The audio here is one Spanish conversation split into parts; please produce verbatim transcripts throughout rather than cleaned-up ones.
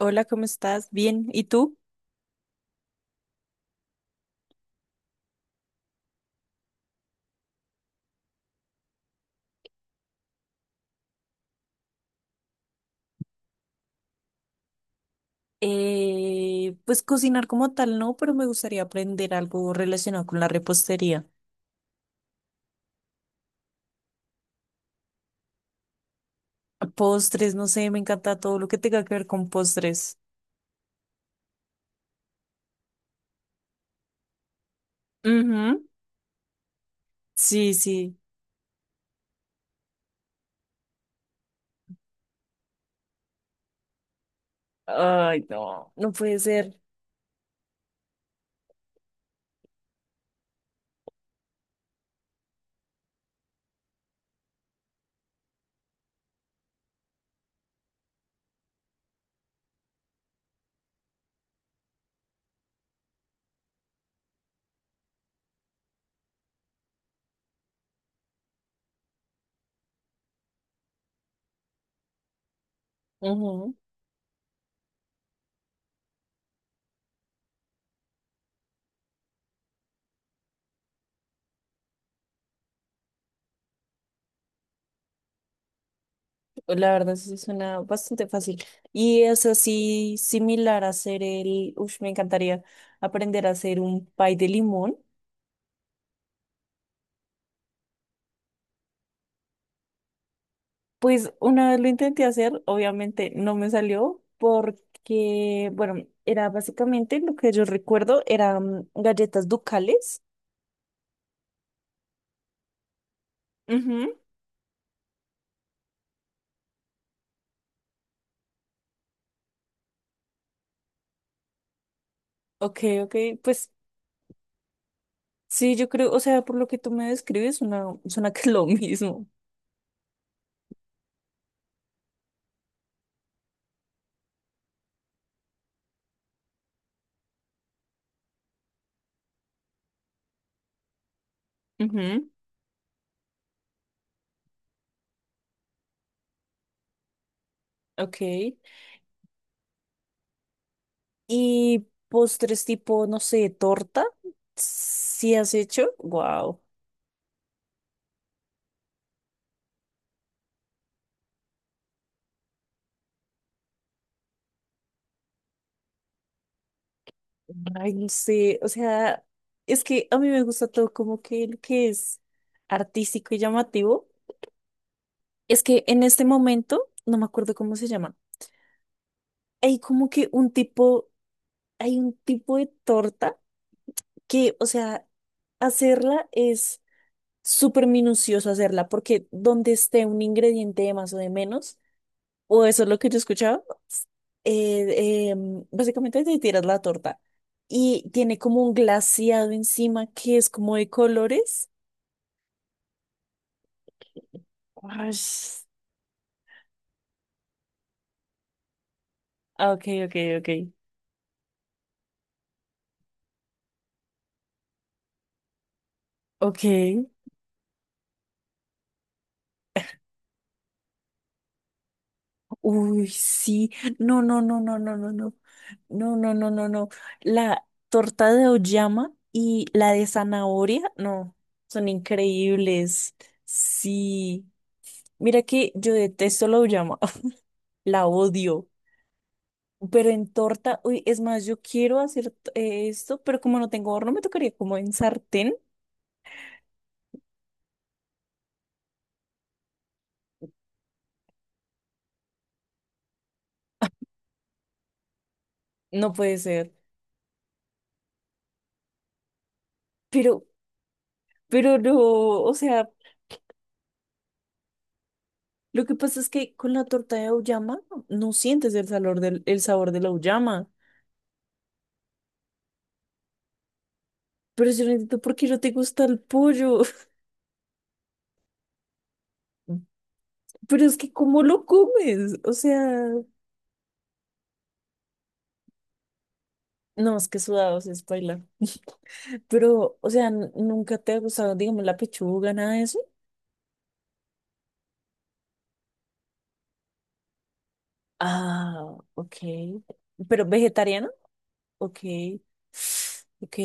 Hola, ¿cómo estás? Bien, ¿y tú? Eh, pues cocinar como tal no, pero me gustaría aprender algo relacionado con la repostería. Postres, no sé, me encanta todo lo que tenga que ver con postres. Ujú. Sí, sí. Ay, no, no puede ser. Ujú. La verdad sí suena bastante fácil. Y es así similar a hacer el, uff, me encantaría aprender a hacer un pie de limón. Pues una vez lo intenté hacer, obviamente no me salió porque, bueno, era básicamente lo que yo recuerdo, eran galletas ducales. Ujú. Ok, ok, pues sí, yo creo, o sea, por lo que tú me describes, suena, suena que es lo mismo. Ujú. Ok. Y postres tipo, no sé, torta, ¿si has hecho? Wow. Ay, no sé, o sea, es que a mí me gusta todo como que lo que es artístico y llamativo. Es que en este momento, no me acuerdo cómo se llama, hay como que un tipo, hay un tipo de torta que, o sea, hacerla es súper minucioso hacerla, porque donde esté un ingrediente de más o de menos, o eso es lo que yo escuchaba, eh, em, básicamente te tiras la torta y tiene como un glaseado encima que es como de colores. Ush. Ah, ok, ok, ok. Ok. Uy, sí. No, no, no, no, no, no, no. No, no, no, no, no. La torta de oyama y la de zanahoria, no, son increíbles. Sí. Mira que yo detesto la oyama, la odio. Pero en torta, uy, es más, yo quiero hacer eh, esto, pero como no tengo horno, me tocaría como en sartén. No puede ser. Pero, pero no, o sea. Lo que pasa es que con la torta de auyama no sientes el sabor del, el sabor de la auyama. Pero yo no entiendo por qué no te gusta el pollo. Pero es que ¿cómo lo comes? O sea, no, es que sudados es bailar. Pero, o sea, n- ¿nunca te ha gustado, digamos, la pechuga, nada de eso? Ah, ok. ¿Pero vegetariana? Ok. Ok,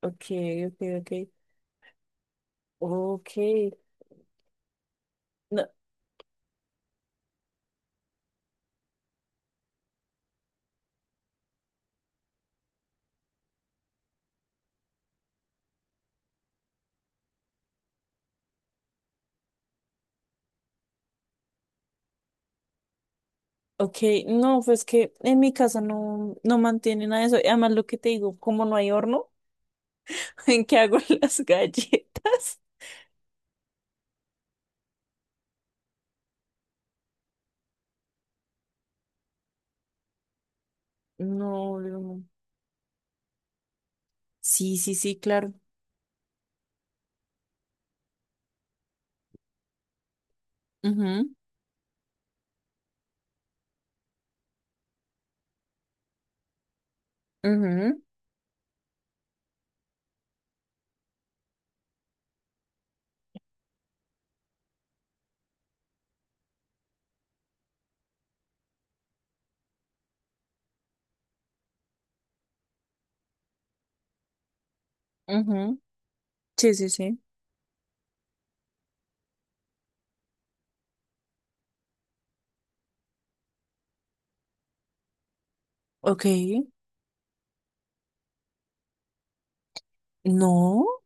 ok, ok, ok. Ok. No, ok, no, pues que en mi casa no, no mantienen nada de eso. Y además, lo que te digo, como no hay horno, ¿en qué hago las galletas? No, no. Sí, sí, sí, claro. Ujú, ujú, ujú. Sí, sí, sí. Ok. No,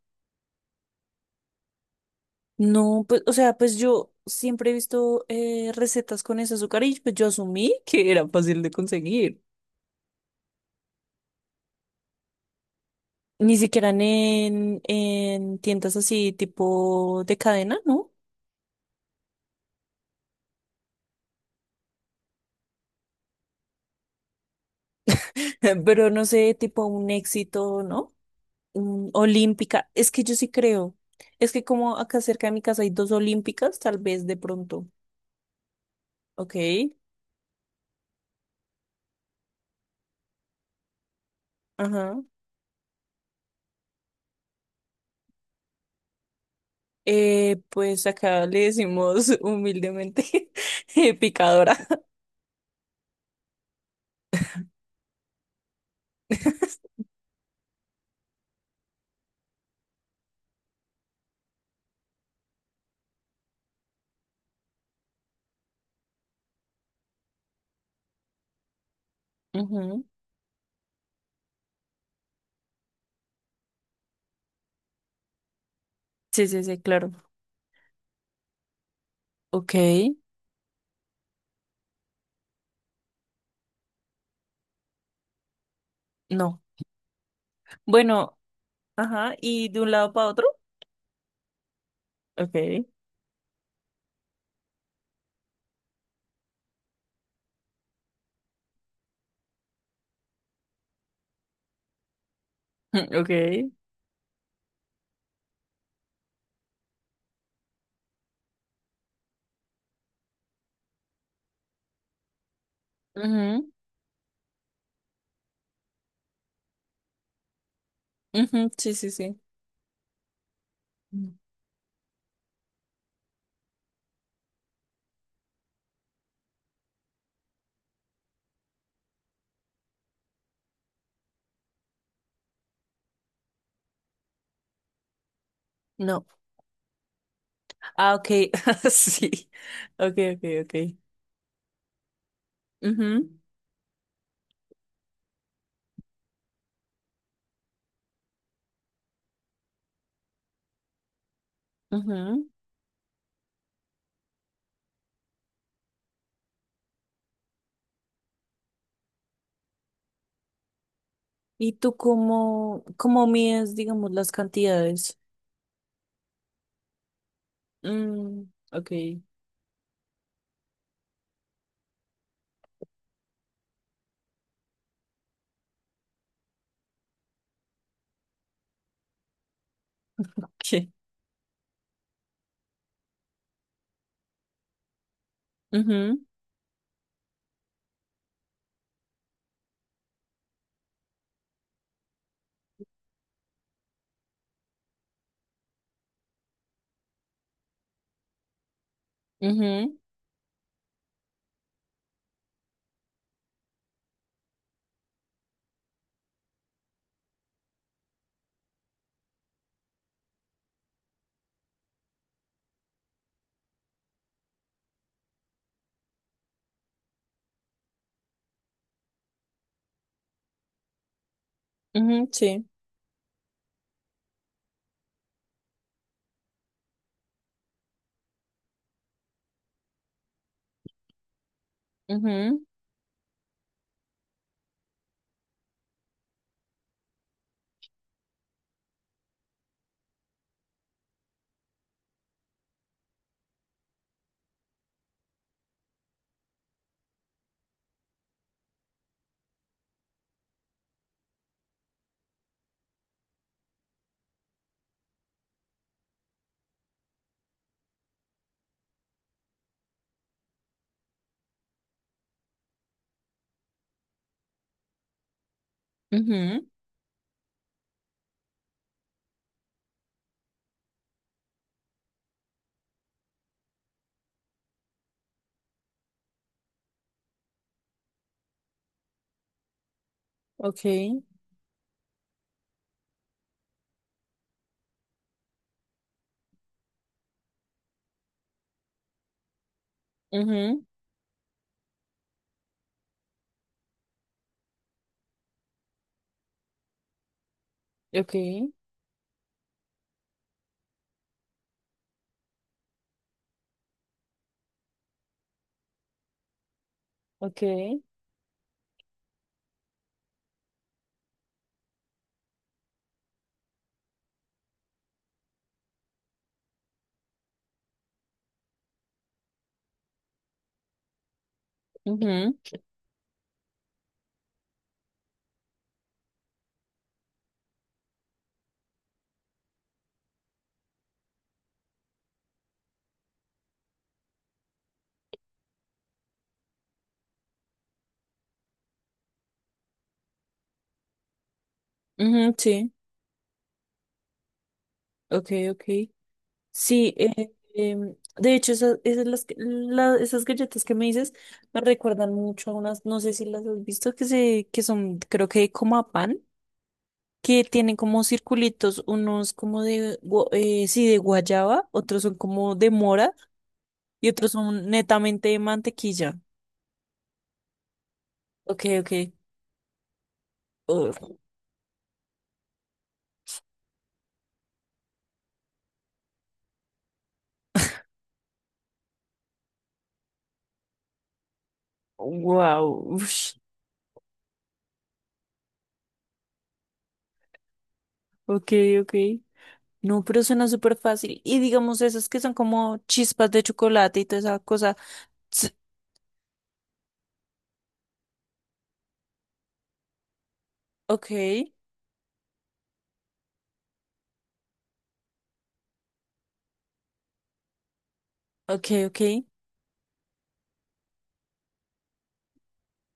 no, pues, o sea, pues yo siempre he visto eh, recetas con ese azúcar y pues yo asumí que era fácil de conseguir. Ni siquiera en, en tiendas así tipo de cadena, ¿no? Pero no sé, tipo un éxito, ¿no? Mm, olímpica. Es que yo sí creo. Es que como acá cerca de mi casa hay dos olímpicas, tal vez de pronto. Ok. Ajá. Eh, pues acá le decimos humildemente eh, picadora. Ujú. Sí, sí, sí, claro. Ok. No. Bueno, ajá. ¿Y de un lado para otro? Ok. Ok. Ujú, ujú, sí, sí, sí. Mm. No. Ah, ok. Sí. Ok, ok, ok. Ujú, ujú. ¿Y tú cómo, cómo mides, digamos, las cantidades? Mm, ok. Sí. Ujú, ujú, ujú, sí. Ujú, ujú, ok. Ujú, ok, ok. Ujú, ujú, sí. Ok, ok. Sí, eh, em, de hecho, esas, esas, las que- la- esas galletas que me dices me recuerdan mucho a unas, no sé si las has visto, que se, que son, creo que como a pan, que tienen como circulitos, unos como de, gua- eh, sí, de guayaba, otros son como de mora y otros son netamente de mantequilla. Ok, ok. Wow. Ok, ok. No, pero suena súper fácil. Y digamos esas que son como chispas de chocolate y toda esa cosa. Ts- Ok, ok, ok.